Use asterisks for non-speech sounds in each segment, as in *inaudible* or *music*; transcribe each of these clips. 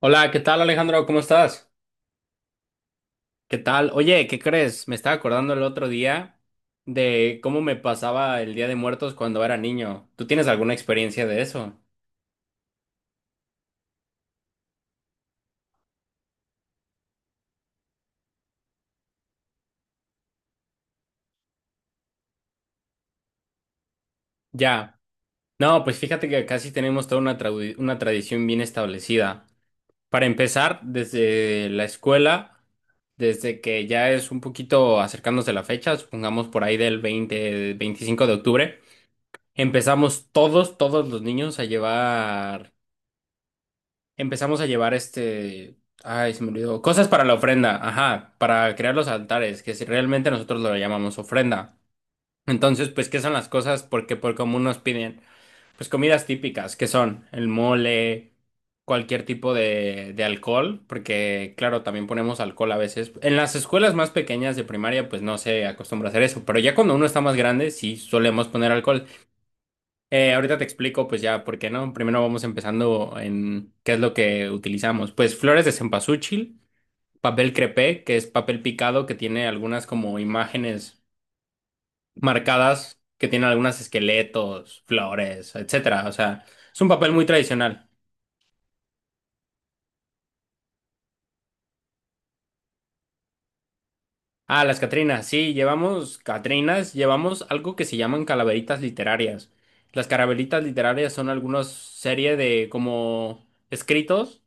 Hola, ¿qué tal Alejandro? ¿Cómo estás? ¿Qué tal? Oye, ¿qué crees? Me estaba acordando el otro día de cómo me pasaba el Día de Muertos cuando era niño. ¿Tú tienes alguna experiencia de eso? Ya. No, pues fíjate que casi tenemos toda una tradición bien establecida. Para empezar, desde la escuela, desde que ya es un poquito acercándose la fecha, supongamos por ahí del 20, 25 de octubre, empezamos todos, todos los niños a llevar Empezamos a llevar Ay, se me olvidó. Cosas para la ofrenda, ajá, para crear los altares, que si realmente nosotros lo llamamos ofrenda. Entonces, pues, ¿qué son las cosas? Porque por común nos piden, pues, comidas típicas, que son el mole, cualquier tipo de alcohol, porque, claro, también ponemos alcohol a veces. En las escuelas más pequeñas de primaria, pues, no se acostumbra a hacer eso, pero ya cuando uno está más grande, sí solemos poner alcohol. Ahorita te explico, pues ya, ¿por qué no? Primero vamos empezando en qué es lo que utilizamos. Pues flores de cempasúchil, papel crepé, que es papel picado que tiene algunas como imágenes marcadas, que tiene algunos esqueletos, flores, etcétera. O sea, es un papel muy tradicional. Ah, las catrinas, sí, llevamos catrinas, llevamos algo que se llaman calaveritas literarias. Las calaveritas literarias son algunas serie de como escritos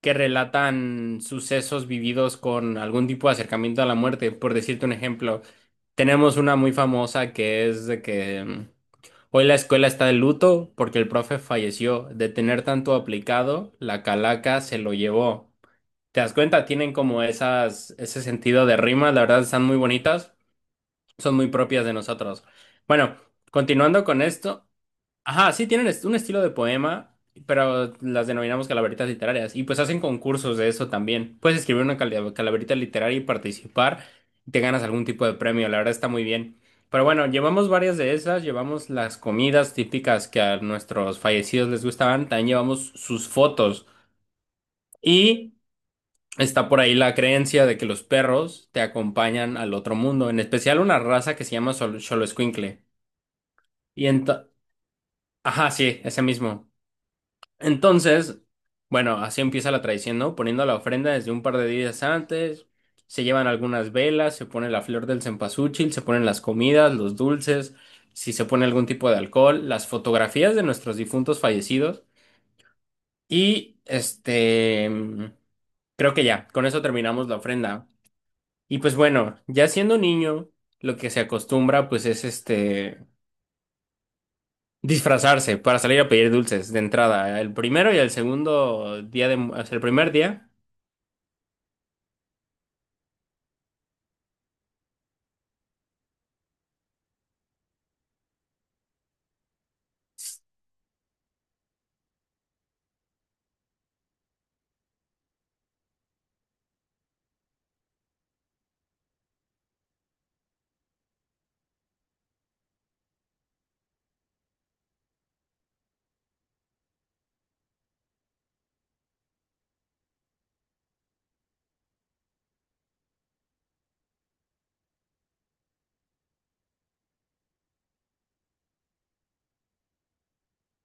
que relatan sucesos vividos con algún tipo de acercamiento a la muerte. Por decirte un ejemplo, tenemos una muy famosa que es de que hoy la escuela está de luto porque el profe falleció. De tener tanto aplicado, la calaca se lo llevó. ¿Te das cuenta? Tienen como esas, ese sentido de rima, la verdad están muy bonitas, son muy propias de nosotros. Bueno, continuando con esto. Ajá, sí, tienen un estilo de poema, pero las denominamos calaveritas literarias. Y pues hacen concursos de eso también. Puedes escribir una calaverita literaria y participar. Y te ganas algún tipo de premio, la verdad está muy bien. Pero bueno, llevamos varias de esas, llevamos las comidas típicas que a nuestros fallecidos les gustaban, también llevamos sus fotos. Y está por ahí la creencia de que los perros te acompañan al otro mundo, en especial una raza que se llama Xoloescuincle. Y entonces. Ajá, sí, ese mismo. Entonces, bueno, así empieza la tradición, ¿no? Poniendo la ofrenda desde un par de días antes, se llevan algunas velas, se pone la flor del cempasúchil, se ponen las comidas, los dulces, si se pone algún tipo de alcohol, las fotografías de nuestros difuntos fallecidos y creo que ya, con eso terminamos la ofrenda. Y pues bueno, ya siendo niño, lo que se acostumbra pues es disfrazarse para salir a pedir dulces de entrada, el primero y el segundo día o sea, el primer día.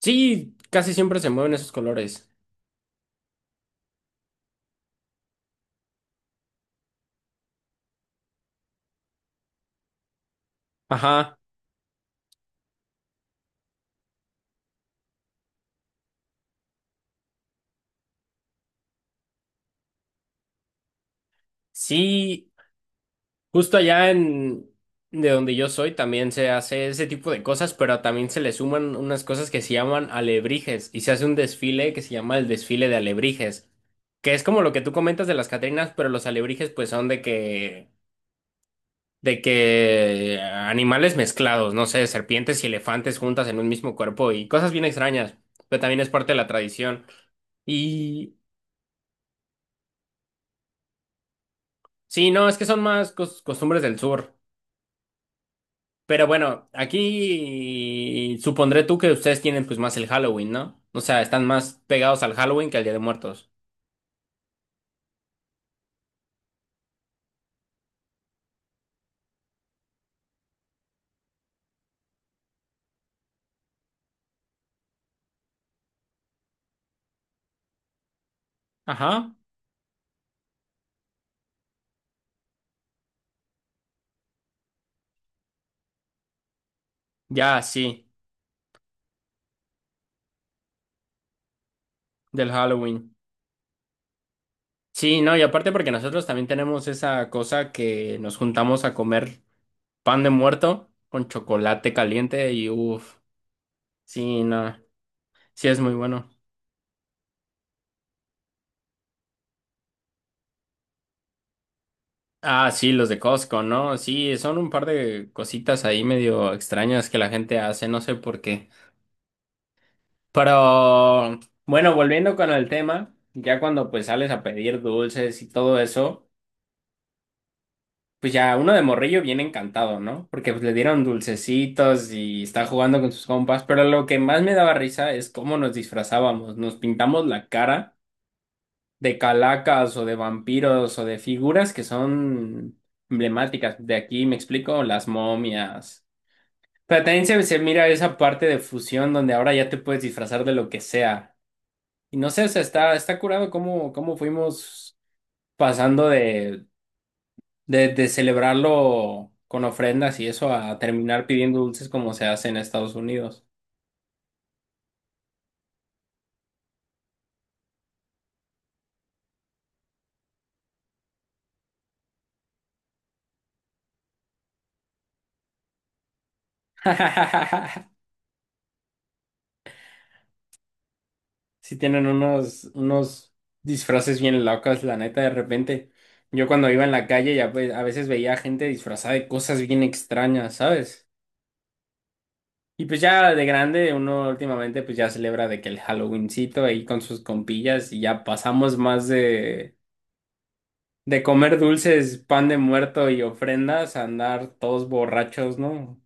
Sí, casi siempre se mueven esos colores. Ajá. Sí, justo allá en de donde yo soy también se hace ese tipo de cosas, pero también se le suman unas cosas que se llaman alebrijes y se hace un desfile que se llama el desfile de alebrijes, que es como lo que tú comentas de las Catrinas, pero los alebrijes pues son de que animales mezclados, no sé, serpientes y elefantes juntas en un mismo cuerpo y cosas bien extrañas, pero también es parte de la tradición. Y Sí, no, es que son más costumbres del sur. Pero bueno, aquí supondré tú que ustedes tienen pues más el Halloween, ¿no? O sea, están más pegados al Halloween que al Día de Muertos. Ajá. Ya, sí, del Halloween. Sí, no, y aparte porque nosotros también tenemos esa cosa que nos juntamos a comer pan de muerto con chocolate caliente y uff, sí, no, sí es muy bueno. Ah, sí, los de Costco, ¿no? Sí, son un par de cositas ahí medio extrañas que la gente hace, no sé por qué. Pero bueno, volviendo con el tema, ya cuando pues sales a pedir dulces y todo eso, pues ya uno de morrillo viene encantado, ¿no? Porque pues le dieron dulcecitos y está jugando con sus compas, pero lo que más me daba risa es cómo nos disfrazábamos, nos pintamos la cara de calacas o de vampiros o de figuras que son emblemáticas. De aquí me explico, las momias. Pero también se mira esa parte de fusión donde ahora ya te puedes disfrazar de lo que sea. Y no sé, o sea, está curado cómo fuimos pasando de celebrarlo con ofrendas y eso a terminar pidiendo dulces como se hace en Estados Unidos. *laughs* Sí tienen unos disfraces bien locos, la neta, de repente. Yo cuando iba en la calle ya pues, a veces veía gente disfrazada de cosas bien extrañas, ¿sabes? Y pues ya de grande uno últimamente pues ya celebra de que el Halloweencito ahí con sus compillas y ya pasamos más de comer dulces, pan de muerto y ofrendas, a andar todos borrachos, ¿no?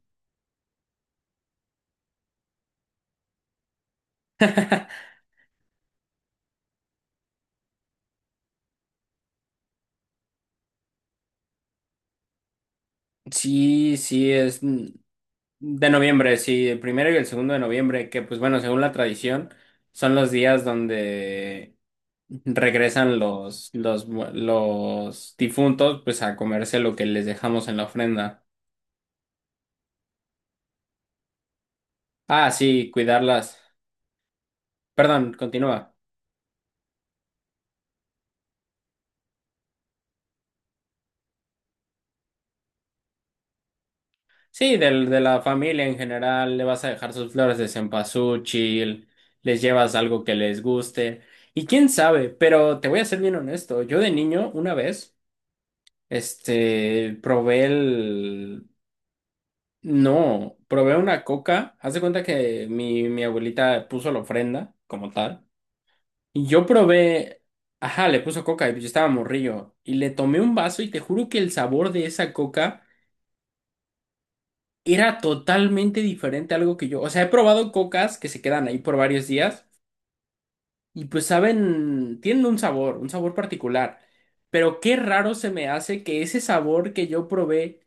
Sí, sí, es de noviembre, sí, el primero y el segundo de noviembre, que pues bueno, según la tradición, son los días donde regresan los difuntos, pues a comerse lo que les dejamos en la ofrenda. Ah, sí, cuidarlas. Perdón, continúa. Sí, de la familia en general, le vas a dejar sus flores de cempasúchil, les llevas algo que les guste, y quién sabe, pero te voy a ser bien honesto, yo de niño una vez, probé el. No, probé una coca, haz de cuenta que mi abuelita puso la ofrenda como tal, y yo probé, ajá, le puso coca y yo estaba morrillo, y le tomé un vaso y te juro que el sabor de esa coca. Era totalmente diferente a algo que yo. O sea, he probado cocas que se quedan ahí por varios días y pues saben, tienen un sabor particular. Pero qué raro se me hace que ese sabor que yo probé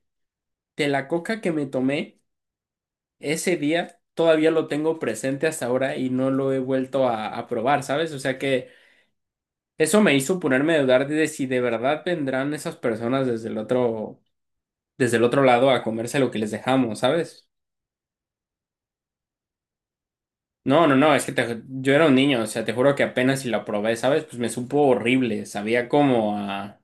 de la coca que me tomé ese día todavía lo tengo presente hasta ahora y no lo he vuelto a probar, ¿sabes? O sea que eso me hizo ponerme a dudar de si de verdad vendrán esas personas desde el otro lado a comerse lo que les dejamos, ¿sabes? No, no, no, es que yo era un niño, o sea, te juro que apenas si la probé, ¿sabes? Pues me supo horrible, sabía como a.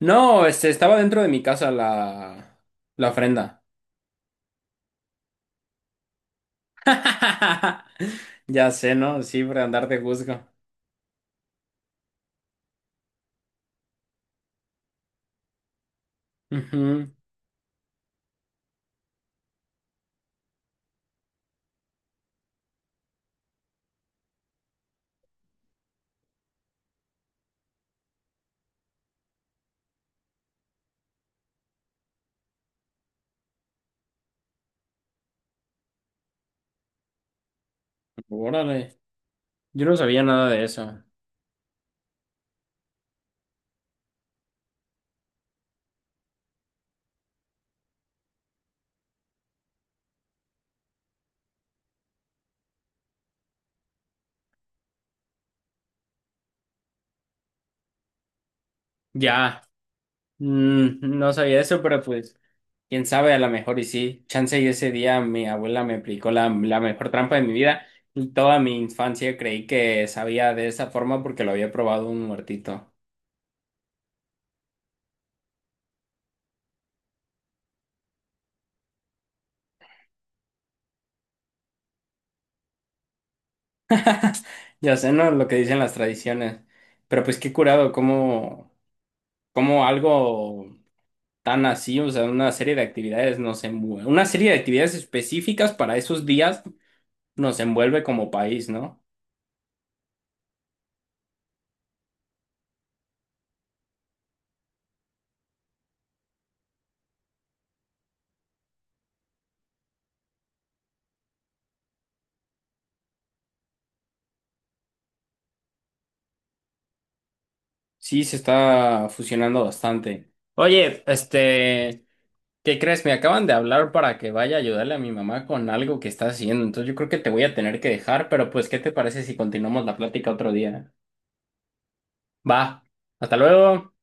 No, estaba dentro de mi casa la ofrenda. *laughs* Ya sé, ¿no? Sí, para andar de juzgo. Ujú. Órale, yo no sabía nada de eso. Ya, no sabía eso, pero pues. Quién sabe, a lo mejor y sí. Chance y ese día mi abuela me aplicó la mejor trampa de mi vida y toda mi infancia creí que sabía de esa forma porque lo había probado un muertito. *laughs* Ya sé, ¿no? Lo que dicen las tradiciones. Pero pues qué curado, como algo tan así, o sea, una serie de actividades nos envuelve, una serie de actividades específicas para esos días nos envuelve como país, ¿no? Sí, se está fusionando bastante. Oye, ¿qué crees? Me acaban de hablar para que vaya a ayudarle a mi mamá con algo que está haciendo. Entonces yo creo que te voy a tener que dejar, pero pues, ¿qué te parece si continuamos la plática otro día? Va, hasta luego.